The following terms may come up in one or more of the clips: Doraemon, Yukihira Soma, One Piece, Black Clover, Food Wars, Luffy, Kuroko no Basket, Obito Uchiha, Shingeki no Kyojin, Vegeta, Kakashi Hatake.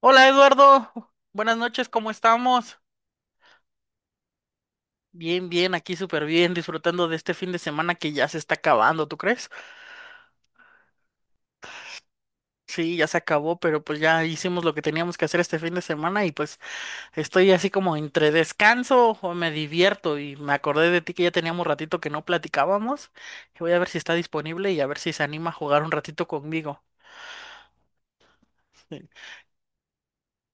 Hola Eduardo, buenas noches, ¿cómo estamos? Bien, aquí súper bien, disfrutando de este fin de semana que ya se está acabando, ¿tú crees? Sí, ya se acabó, pero pues ya hicimos lo que teníamos que hacer este fin de semana y pues estoy así como entre descanso o me divierto y me acordé de ti que ya teníamos ratito que no platicábamos y voy a ver si está disponible y a ver si se anima a jugar un ratito conmigo.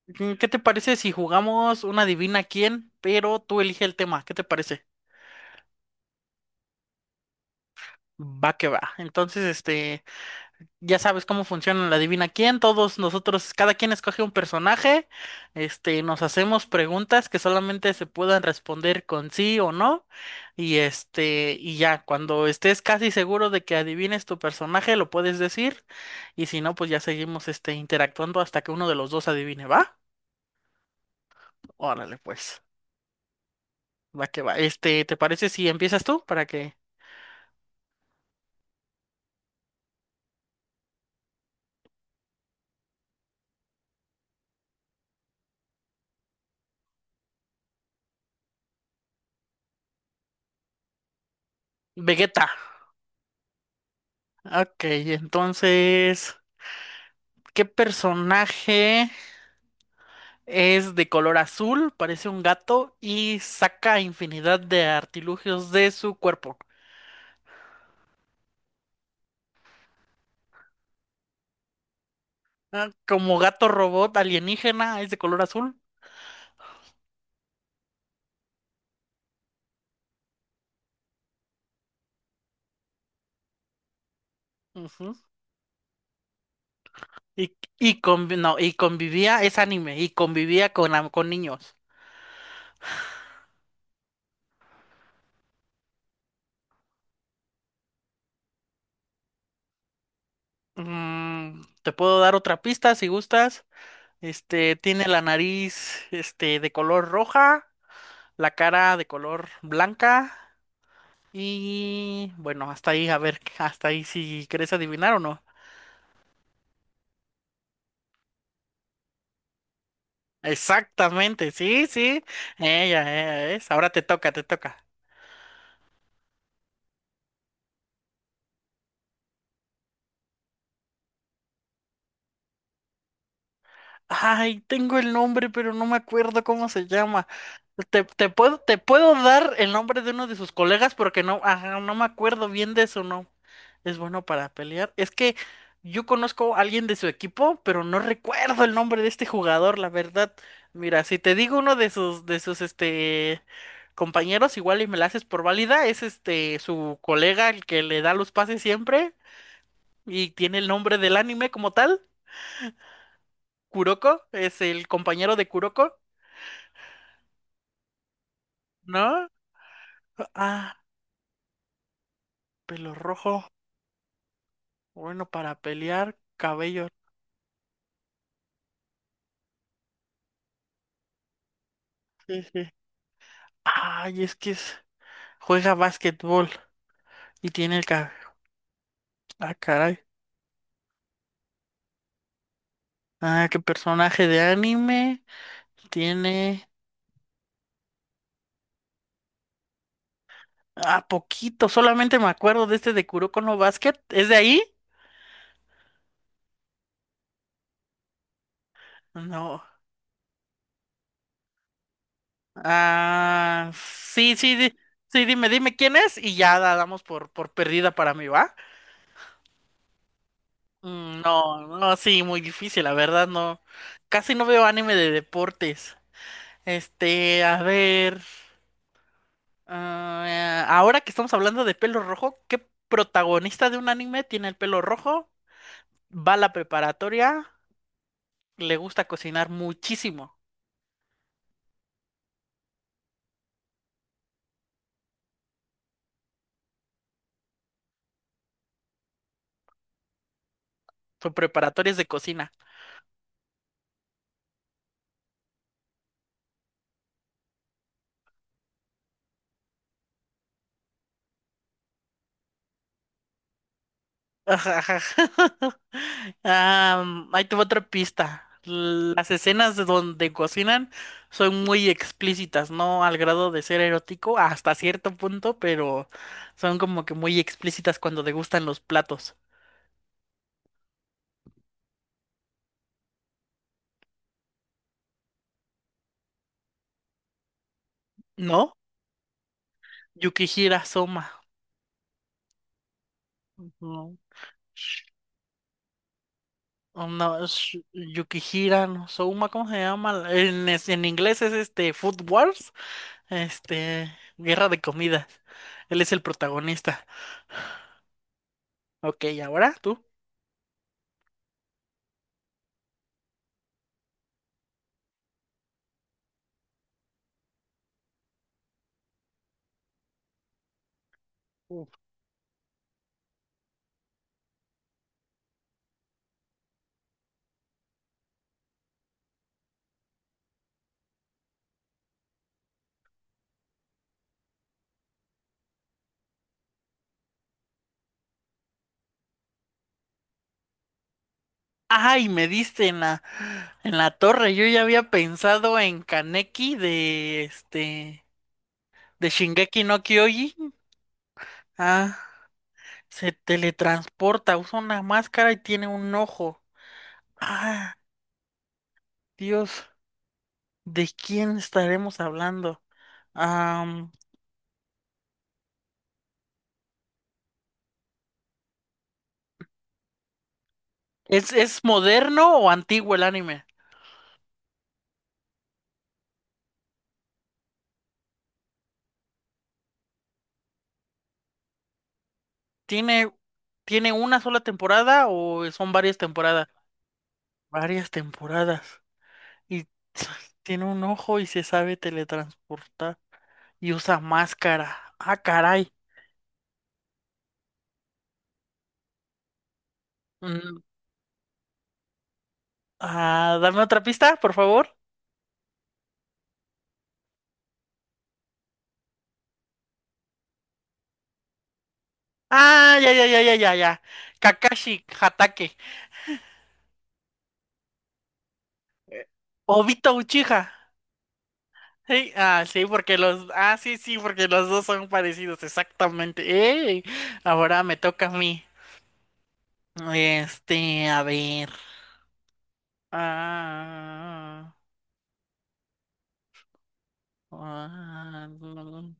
Sí. ¿Qué te parece si jugamos una adivina quién, pero tú elige el tema? ¿Qué te parece? Va que va. Entonces, Ya sabes cómo funciona la adivina quién. Todos nosotros, cada quien escoge un personaje, nos hacemos preguntas que solamente se puedan responder con sí o no. Y y ya, cuando estés casi seguro de que adivines tu personaje, lo puedes decir. Y si no, pues ya seguimos interactuando hasta que uno de los dos adivine, ¿va? Órale, pues. Va que va. ¿Te parece si empiezas tú para que Vegeta? Ok, entonces, ¿qué personaje? Es de color azul, parece un gato y saca infinidad de artilugios de su cuerpo. Ah, como gato robot alienígena, es de color azul. Ujú. No, y convivía, es anime, y convivía con, con niños. Mm, te puedo dar otra pista si gustas. Tiene la nariz, de color roja, la cara de color blanca y bueno, hasta ahí, a ver, hasta ahí si quieres adivinar o no. Exactamente, sí, sí. Ella, ella es. Ahora te toca, te toca. Ay, tengo el nombre, pero no me acuerdo cómo se llama. Te puedo dar el nombre de uno de sus colegas porque no, ajá, no me acuerdo bien de su nombre. Es bueno para pelear. Es que yo conozco a alguien de su equipo, pero no recuerdo el nombre de este jugador, la verdad. Mira, si te digo uno de sus, compañeros, igual y me la haces por válida, es su colega, el que le da los pases siempre. Y tiene el nombre del anime como tal. Kuroko es el compañero de Kuroko, ¿no? Ah, pelo rojo. Bueno, para pelear, cabello. Sí, sí. Ay, es que es- juega básquetbol y tiene el cabello. Ah, caray. Ah, qué personaje de anime tiene. Ah, poquito. Solamente me acuerdo de este de Kuroko no Basket. ¿Es de ahí? No. Ah, sí, sí, di- sí, dime quién es y ya la damos por perdida para mí, ¿va? No, no, sí, muy difícil, la verdad, no. Casi no veo anime de deportes. A ver. Ah, ahora que estamos hablando de pelo rojo, ¿qué protagonista de un anime tiene el pelo rojo? Va a la preparatoria, le gusta cocinar muchísimo. Su preparatoria es de cocina. Ajá, ajá. Ahí te va otra pista. Las escenas de donde cocinan son muy explícitas, no al grado de ser erótico hasta cierto punto, pero son como que muy explícitas cuando degustan los platos. ¿No? Yukihira Soma. No, oh, no, es Yukihira no, Soma, ¿cómo se llama? En inglés es Food Wars, Guerra de Comidas. Él es el protagonista. Ok, ¿ahora tú? Ay, me diste en la torre. Yo ya había pensado en Kaneki de de Shingeki no Kyojin. Ah, se teletransporta, usa una máscara y tiene un ojo. Ah, Dios, ¿de quién estaremos hablando? Am, es moderno o antiguo el anime? ¿Tiene, tiene una sola temporada o son varias temporadas? Varias temporadas. Y tiene un ojo y se sabe teletransportar y usa máscara. Ah, caray. Mm, ah, dame otra pista, por favor. Ah, ya, ya, ya, ya, ya, ya. Kakashi Hatake. Eh, Obito Uchiha. Sí, ah, sí, porque los. Ah, sí, sí, porque los dos son parecidos, exactamente. ¡Ey! Ahora me toca a mí. A ver. Ah, ah, mm,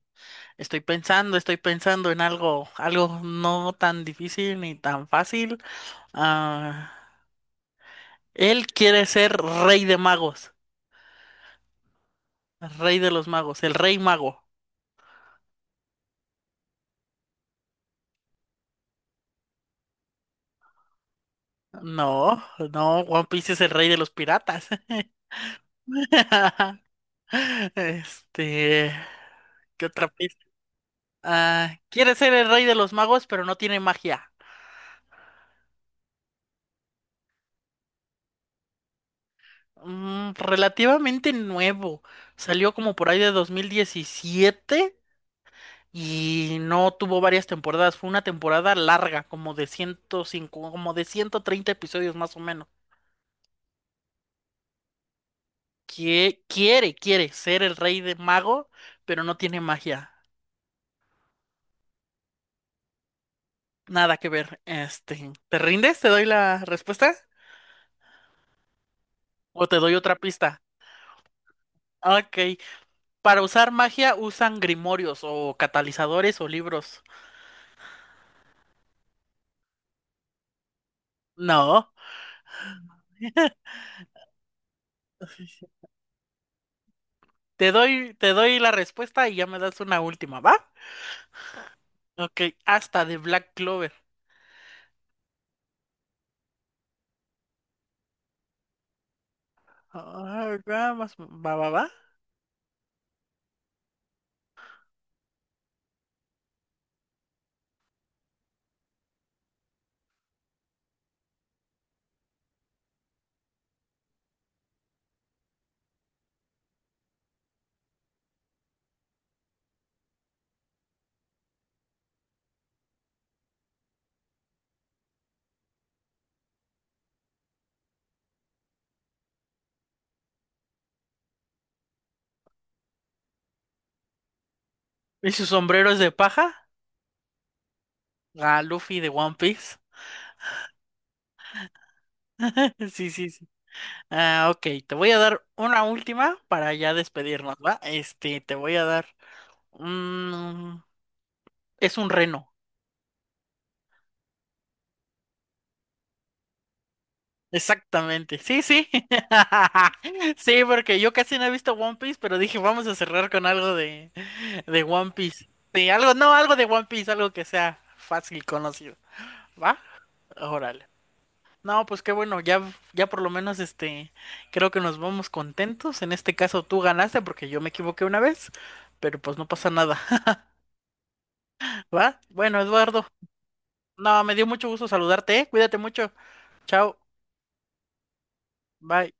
estoy pensando en algo, algo no tan difícil ni tan fácil. Ah, él quiere ser rey de magos, rey de los magos, el rey mago. No, no, One Piece es el rey de los piratas. Este, ¿qué otra pista? Ah, quiere ser el rey de los magos, pero no tiene magia. Mm, relativamente nuevo. Salió como por ahí de 2017 y no tuvo varias temporadas. Fue una temporada larga, como de 105, como de 130 episodios más o menos. Que Quiere ser el rey de mago, pero no tiene magia. Nada que ver. ¿Te rindes? ¿Te doy la respuesta? ¿O te doy otra pista? Ok. Para usar magia usan grimorios o catalizadores o libros. No. Te doy la respuesta y ya me das una última, ¿va? Ok, hasta de Black Clover. Ah, va, va, va. ¿Y su sombrero es de paja? Ah, Luffy de One Piece. Sí, sí, sí. Ah, ok, te voy a dar una última para ya despedirnos, ¿va? Te voy a dar un... Es un reno, exactamente. Sí, sí. Sí, porque yo casi no he visto One Piece, pero dije, vamos a cerrar con algo de One Piece. Sí, algo, no, algo de One Piece, algo que sea fácil conocido, ¿va? Órale. No, pues qué bueno, ya, ya por lo menos creo que nos vamos contentos. En este caso tú ganaste porque yo me equivoqué una vez, pero pues no pasa nada. ¿Va? Bueno, Eduardo, no, me dio mucho gusto saludarte, ¿eh? Cuídate mucho. Chao. Bye.